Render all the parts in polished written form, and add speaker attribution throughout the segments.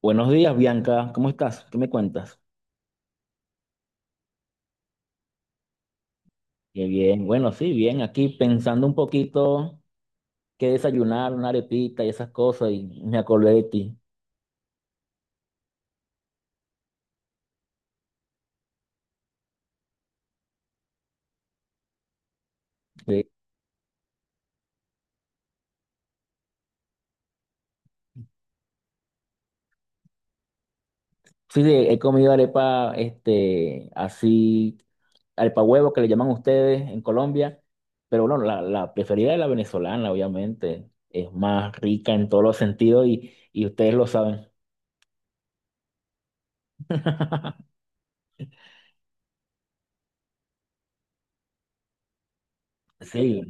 Speaker 1: Buenos días, Bianca. ¿Cómo estás? ¿Qué me cuentas? Qué bien. Bueno, sí, bien. Aquí pensando un poquito qué desayunar, una arepita y esas cosas, y me acordé de ti. Sí, sí, he comido arepa, así, arepa huevo que le llaman ustedes en Colombia, pero bueno, la preferida es la venezolana, obviamente. Es más rica en todos los sentidos y ustedes lo saben. Sí.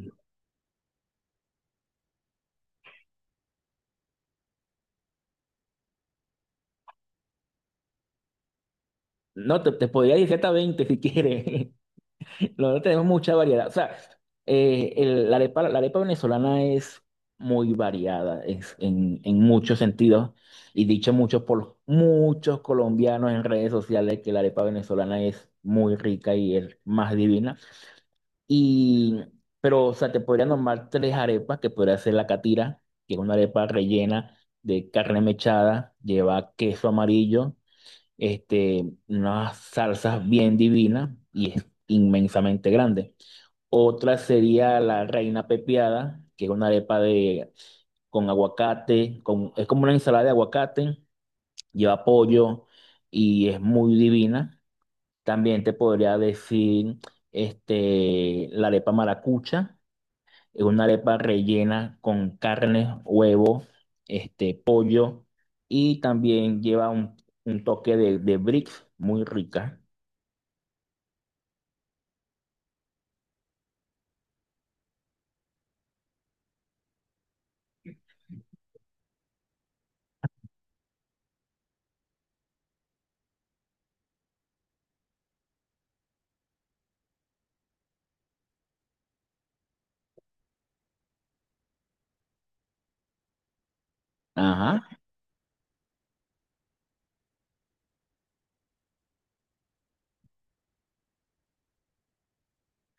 Speaker 1: No, te podría decir hasta 20 si quieres. La tenemos mucha variedad. O sea, la arepa venezolana es muy variada es en muchos sentidos y dicho mucho por muchos colombianos en redes sociales que la arepa venezolana es muy rica y es más divina. Y, pero, o sea, te podría nombrar tres arepas que podría ser la catira, que es una arepa rellena de carne mechada, lleva queso amarillo, unas salsas bien divinas y es inmensamente grande. Otra sería la reina pepiada, que es una arepa de, con aguacate, con, es como una ensalada de aguacate, lleva pollo y es muy divina. También te podría decir la arepa maracucha, es una arepa rellena con carne, huevo, pollo y también lleva un toque de brix muy rica. Ajá,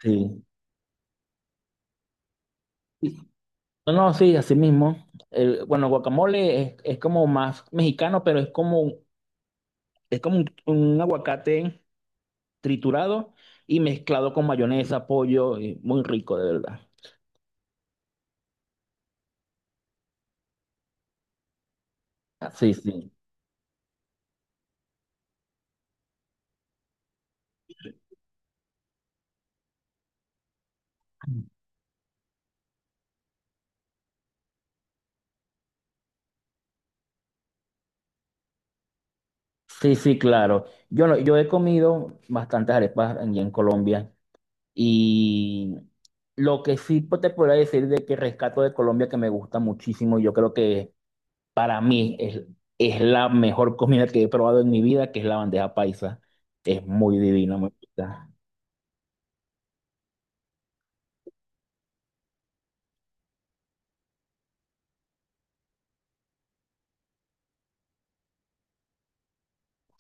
Speaker 1: sí. No, no, sí, así mismo. El, bueno, guacamole es como más mexicano, pero es como un aguacate triturado y mezclado con mayonesa, pollo, y muy rico, de verdad. Ah, sí, sí. Sí, sí, claro. Yo, yo he comido bastantes arepas en Colombia y lo que sí te podría decir de que rescato de Colombia que me gusta muchísimo, yo creo que para mí es la mejor comida que he probado en mi vida, que es la bandeja paisa. Es muy divina, me gusta.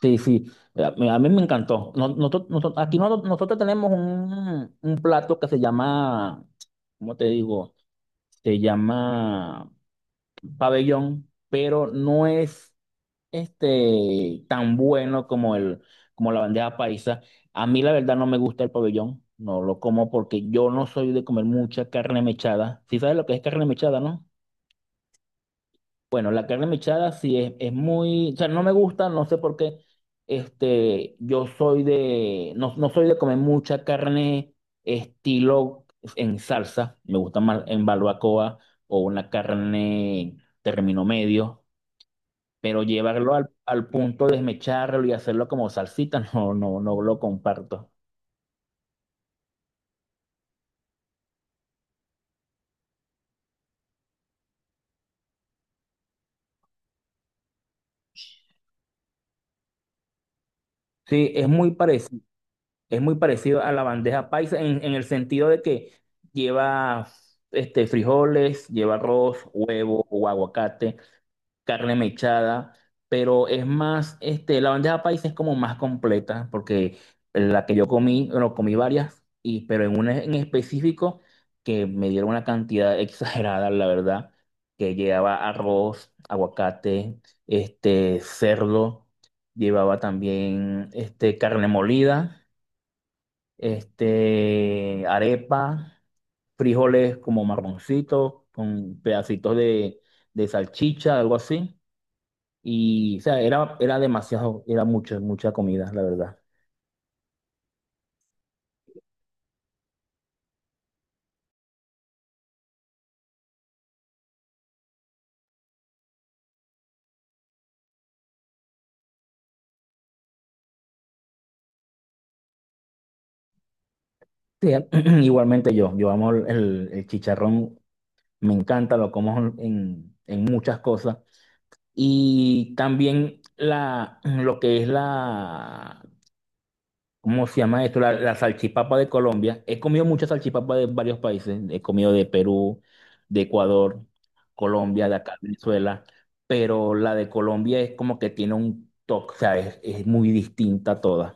Speaker 1: Sí, sí, a mí me encantó. Nosotros tenemos un plato que se llama, ¿cómo te digo? Se llama pabellón, pero no es tan bueno como, el, como la bandeja paisa. A mí la verdad no me gusta el pabellón, no lo como porque yo no soy de comer mucha carne mechada. ¿Si sabes lo que es carne mechada, no? Bueno, la carne mechada sí es muy, o sea, no me gusta, no sé por qué. Yo soy de, no, no soy de comer mucha carne estilo en salsa, me gusta más en barbacoa o una carne término medio, pero llevarlo al, al punto de desmecharlo y hacerlo como salsita, no, no, no lo comparto. Sí, es muy parecido. Es muy parecido a la bandeja paisa en el sentido de que lleva frijoles, lleva arroz, huevo o aguacate, carne mechada, pero es más, la bandeja paisa es como más completa porque la que yo comí, bueno, comí varias, y, pero en una en específico que me dieron una cantidad exagerada, la verdad, que llevaba arroz, aguacate, cerdo, llevaba también carne molida arepa, frijoles como marroncitos, con pedacitos de salchicha, algo así. Y, o sea, era, era demasiado, era mucho, mucha comida, la verdad. Sí, igualmente yo, yo amo el chicharrón, me encanta, lo como en muchas cosas. Y también la, lo que es la ¿Cómo se llama esto? La salchipapa de Colombia. He comido muchas salchipapas de varios países. He comido de Perú, de Ecuador, Colombia, de acá, Venezuela. Pero la de Colombia es como que tiene un toque, o sea, es muy distinta a todas.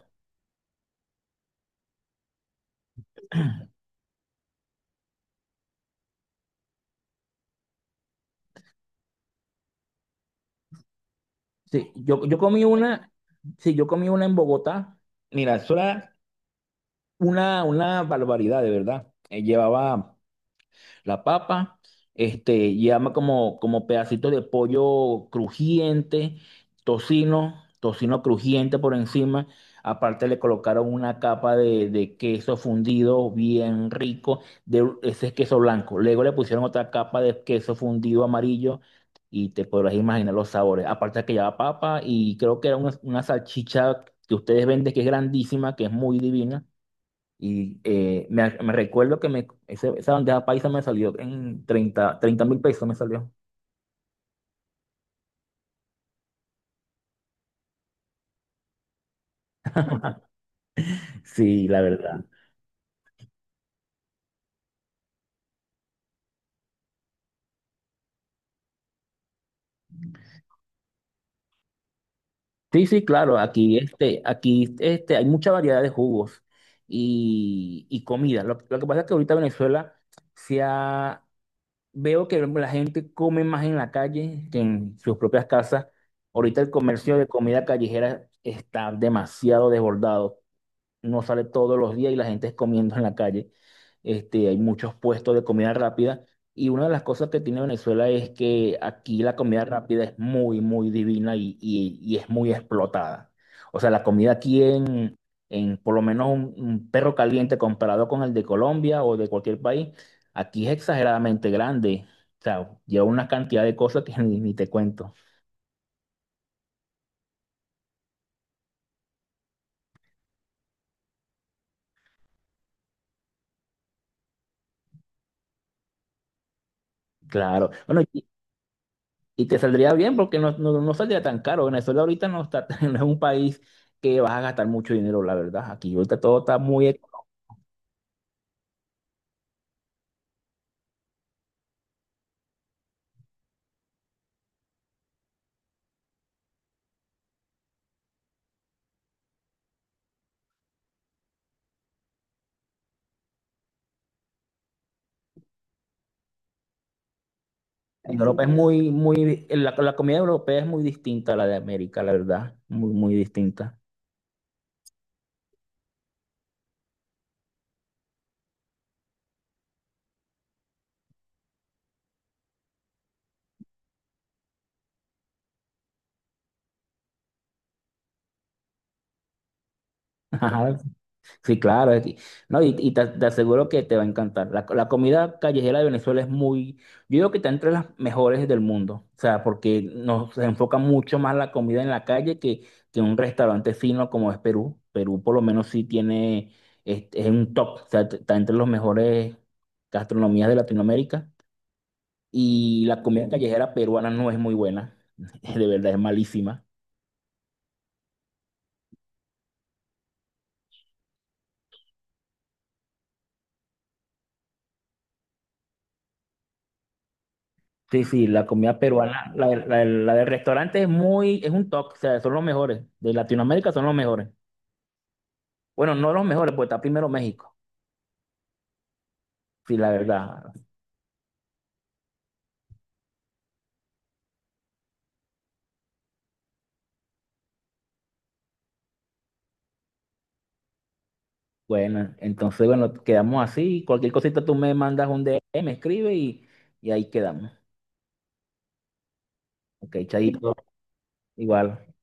Speaker 1: Sí, yo, yo comí una, sí, yo comí una en Bogotá. Mira, eso era una barbaridad, de verdad. Llevaba la papa, llama como, como pedacito de pollo crujiente, tocino, tocino crujiente por encima. Aparte le colocaron una capa de queso fundido bien rico, de ese es queso blanco. Luego le pusieron otra capa de queso fundido amarillo y te podrás imaginar los sabores. Aparte que lleva papa y creo que era una salchicha que ustedes venden que es grandísima, que es muy divina. Y me recuerdo que me, esa bandeja paisa me salió en 30 30 mil pesos me salió. Sí, la verdad. Sí, sí, claro, aquí, aquí hay mucha variedad de jugos y comida. Lo que pasa es que ahorita Venezuela se ha- veo que la gente come más en la calle que en sus propias casas. Ahorita el comercio de comida callejera está demasiado desbordado. No sale todos los días y la gente es comiendo en la calle. Hay muchos puestos de comida rápida y una de las cosas que tiene Venezuela es que aquí la comida rápida es muy, muy divina y, y es muy explotada. O sea, la comida aquí en por lo menos un perro caliente comparado con el de Colombia o de cualquier país, aquí es exageradamente grande. O sea, lleva una cantidad de cosas que ni, ni te cuento. Claro. Bueno, y te saldría bien porque no, no, no saldría tan caro. Venezuela ahorita no está, no es un país que vas a gastar mucho dinero, la verdad. Aquí ahorita todo está muy... en Europa es muy, muy, la comida europea es muy distinta a la de América, la verdad. Muy, muy distinta. Sí, claro. No, y, te, te aseguro que te va a encantar. La comida callejera de Venezuela es muy, yo digo que está entre las mejores del mundo. O sea, porque nos se enfoca mucho más la comida en la calle que un restaurante fino como es Perú. Perú por lo menos sí tiene, es un top. O sea, está entre los mejores gastronomías de Latinoamérica. Y la comida callejera peruana no es muy buena. De verdad es malísima. Sí, sí, la comida peruana, la del restaurante es muy, es un top, o sea, son los mejores. De Latinoamérica son los mejores. Bueno, no los mejores, pues está primero México. Sí, la verdad. Bueno, entonces, bueno, quedamos así. Cualquier cosita tú me mandas un DM, me escribe y ahí quedamos. Ok, chaito, igual.